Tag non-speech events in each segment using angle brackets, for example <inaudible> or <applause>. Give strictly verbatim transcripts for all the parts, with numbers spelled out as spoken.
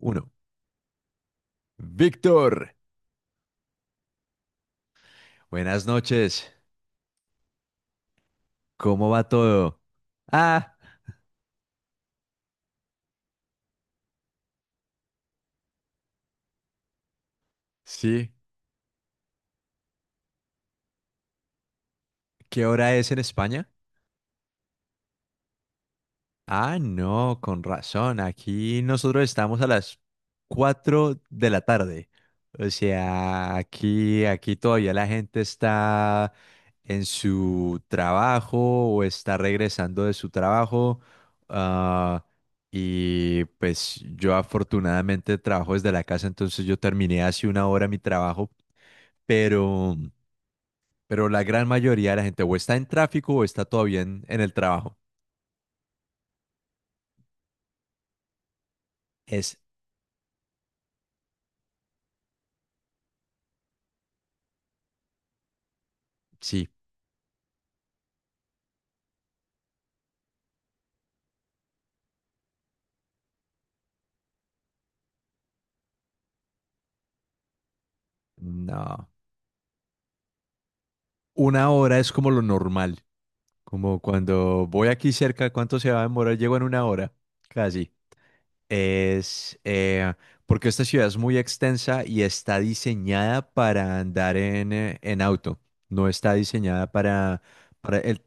Uno. Víctor, buenas noches. ¿Cómo va todo? Ah, sí. ¿Qué hora es en España? Ah, no, con razón. Aquí nosotros estamos a las cuatro de la tarde. O sea, aquí, aquí todavía la gente está en su trabajo o está regresando de su trabajo. Ah, y pues yo afortunadamente trabajo desde la casa, entonces yo terminé hace una hora mi trabajo, pero, pero la gran mayoría de la gente o está en tráfico o está todavía en, en el trabajo. Es, sí, no. Una hora es como lo normal, como cuando voy aquí cerca, ¿cuánto se va a demorar? Llego en una hora, casi. Es, eh, porque esta ciudad es muy extensa y está diseñada para andar en, eh, en auto, no está diseñada para, para el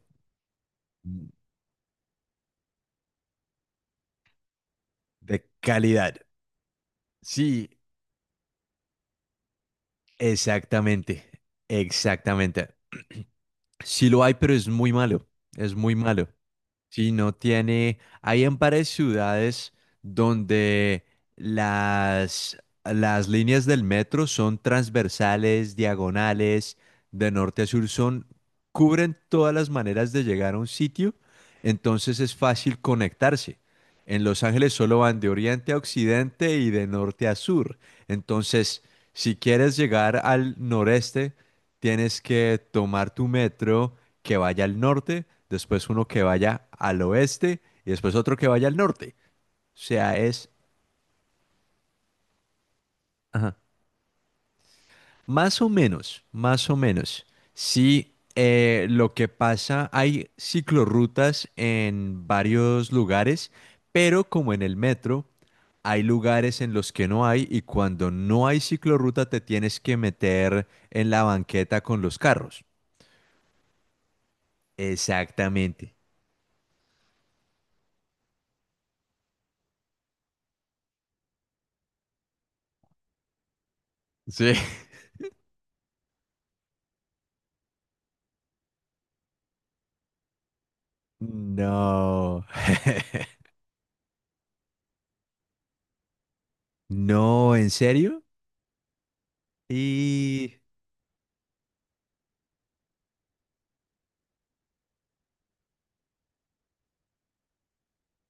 de calidad. Sí, exactamente, exactamente. Sí lo hay, pero es muy malo, es muy malo. Sí, no tiene. Hay en varias ciudades donde las, las líneas del metro son transversales, diagonales, de norte a sur, son, cubren todas las maneras de llegar a un sitio, entonces es fácil conectarse. En Los Ángeles solo van de oriente a occidente y de norte a sur. Entonces, si quieres llegar al noreste, tienes que tomar tu metro que vaya al norte, después uno que vaya al oeste y después otro que vaya al norte. O sea, es ajá, más o menos, más o menos. Sí, eh, lo que pasa, hay ciclorrutas en varios lugares, pero como en el metro, hay lugares en los que no hay y cuando no hay ciclorruta te tienes que meter en la banqueta con los carros. Exactamente. Sí. No. <laughs> No, ¿en serio? Y...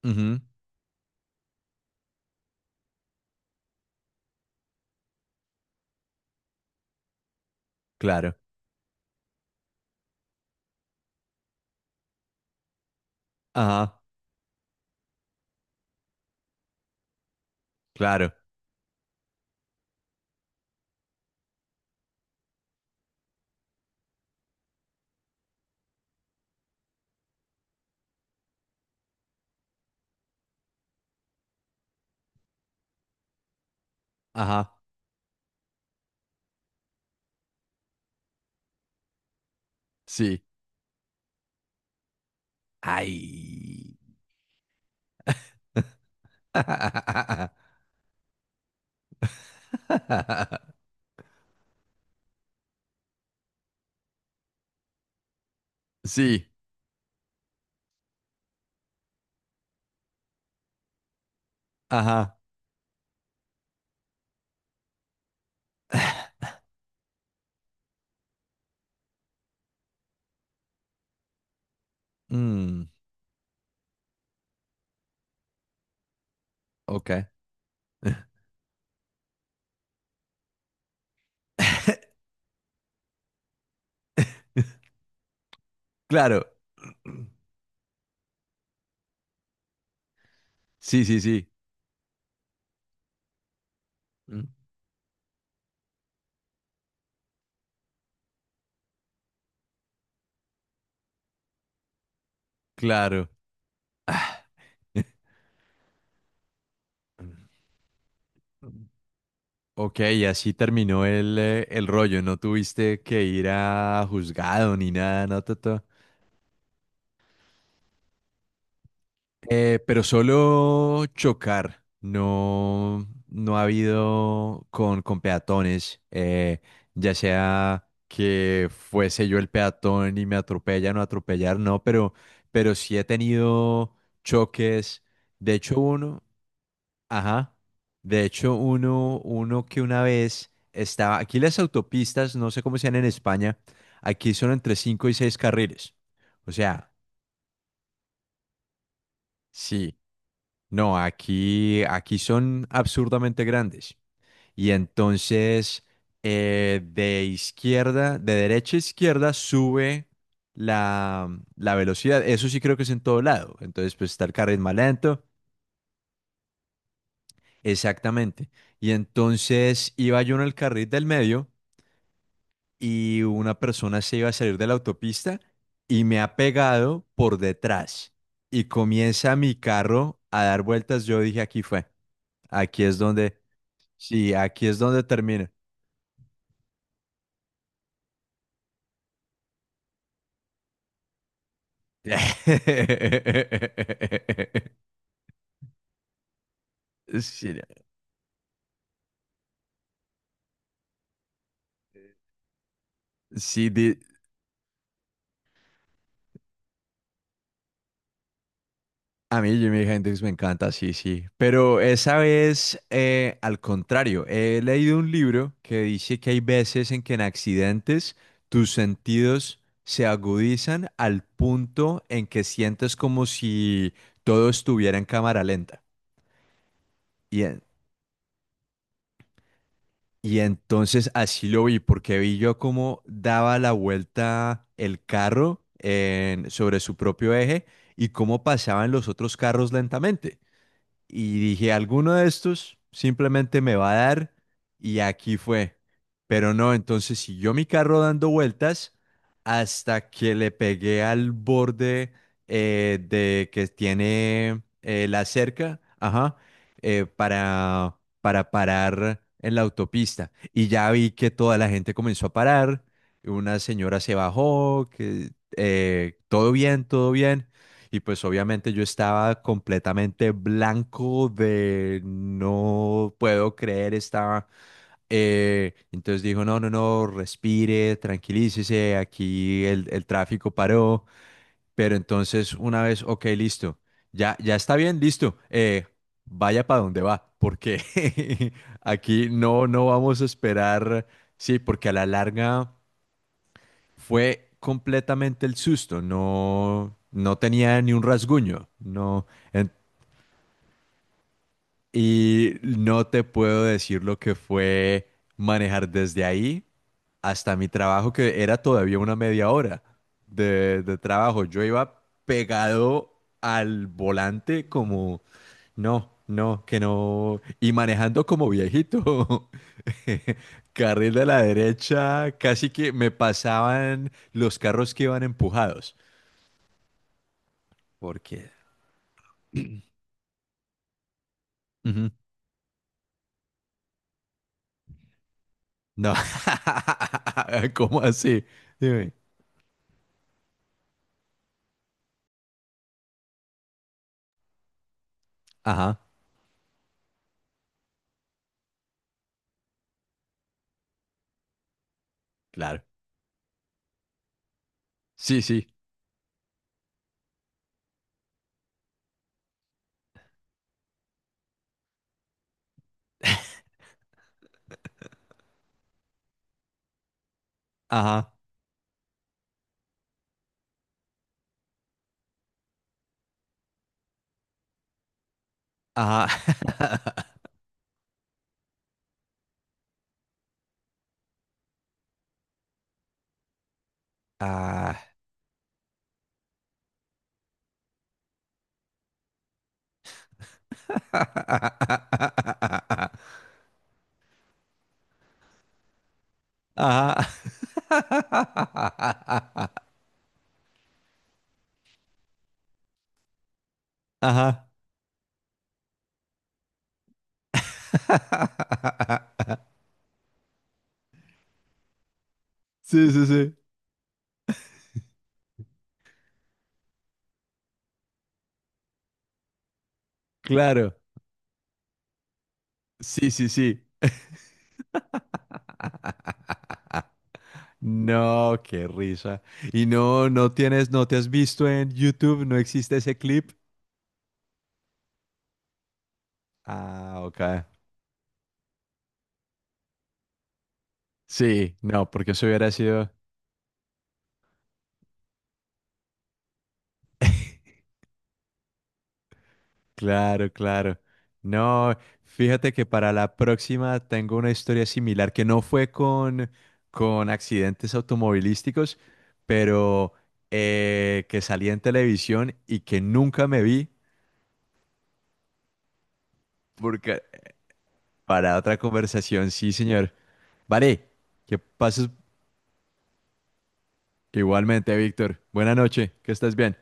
Ujú, claro. Ajá, claro. Ajá, sí. Ay. <laughs> Sí. Ajá. Mm, ok. <laughs> Claro. Sí, sí, sí. Mm, Claro. Ok, y así terminó el, eh, el rollo. No tuviste que ir a juzgado ni nada, ¿no, Toto? Eh, pero solo chocar, no, no ha habido con, con peatones, eh, ya sea que fuese yo el peatón y me atropellan o atropellar, no, pero, pero sí he tenido choques. De hecho, uno, ajá, de hecho, uno, uno que una vez estaba, aquí las autopistas, no sé cómo sean en España, aquí son entre cinco y seis carriles. O sea, sí. No, aquí, aquí son absurdamente grandes. Y entonces, eh, de izquierda, de derecha a izquierda, sube la, la velocidad. Eso sí creo que es en todo lado. Entonces, pues está el carril más lento. Exactamente. Y entonces iba yo en el carril del medio y una persona se iba a salir de la autopista y me ha pegado por detrás. Y comienza mi carro a dar vueltas. Yo dije, aquí fue. Aquí es donde... Sí, aquí es donde termina. <laughs> Sí, sí, di- a mí Jimi Hendrix me encanta, sí, sí. Pero esa vez, eh, al contrario, he leído un libro que dice que hay veces en que en accidentes tus sentidos se agudizan al punto en que sientes como si todo estuviera en cámara lenta. Y entonces así lo vi, porque vi yo cómo daba la vuelta el carro en- sobre su propio eje y cómo pasaban los otros carros lentamente y dije, alguno de estos simplemente me va a dar y aquí fue. Pero no, entonces siguió mi carro dando vueltas hasta que le pegué al borde eh, de que tiene eh, la cerca, ajá, eh, para, para parar en la autopista. Y ya vi que toda la gente comenzó a parar, una señora se bajó, que eh, todo bien, todo bien. Y pues obviamente yo estaba completamente blanco de no puedo creer, estaba... eh, entonces dijo, no, no, no, respire, tranquilícese, aquí el, el tráfico paró. Pero entonces una vez, ok, listo, ya, ya está bien, listo, eh, vaya para donde va, porque <laughs> aquí no, no vamos a esperar, sí, porque a la larga fue completamente el susto, no, no tenía ni un rasguño, no, en- y no te puedo decir lo que fue manejar desde ahí hasta mi trabajo, que era todavía una media hora de, de trabajo. Yo iba pegado al volante como, no, no, que no, y manejando como viejito. <laughs> Carril de la derecha, casi que me pasaban los carros que iban empujados. Porque. Ujú. No. <laughs> ¿Cómo así? Dime. Ajá, claro. Sí, sí. Ajá, ajá. <laughs> Ah. <laughs> Ajá. <laughs> Ajá. <laughs> Sí, sí, sí. Claro. Sí, sí, sí. No, qué risa. Y no, no tienes, no te has visto en YouTube, no existe ese clip. Ah, ok. Sí, no, porque eso hubiera sido... Claro, claro. No, fíjate que para la próxima tengo una historia similar que no fue con, con accidentes automovilísticos, pero eh, que salí en televisión y que nunca me vi, porque para otra conversación, sí, señor. Vale, que pases igualmente, Víctor. Buena noche, que estés bien.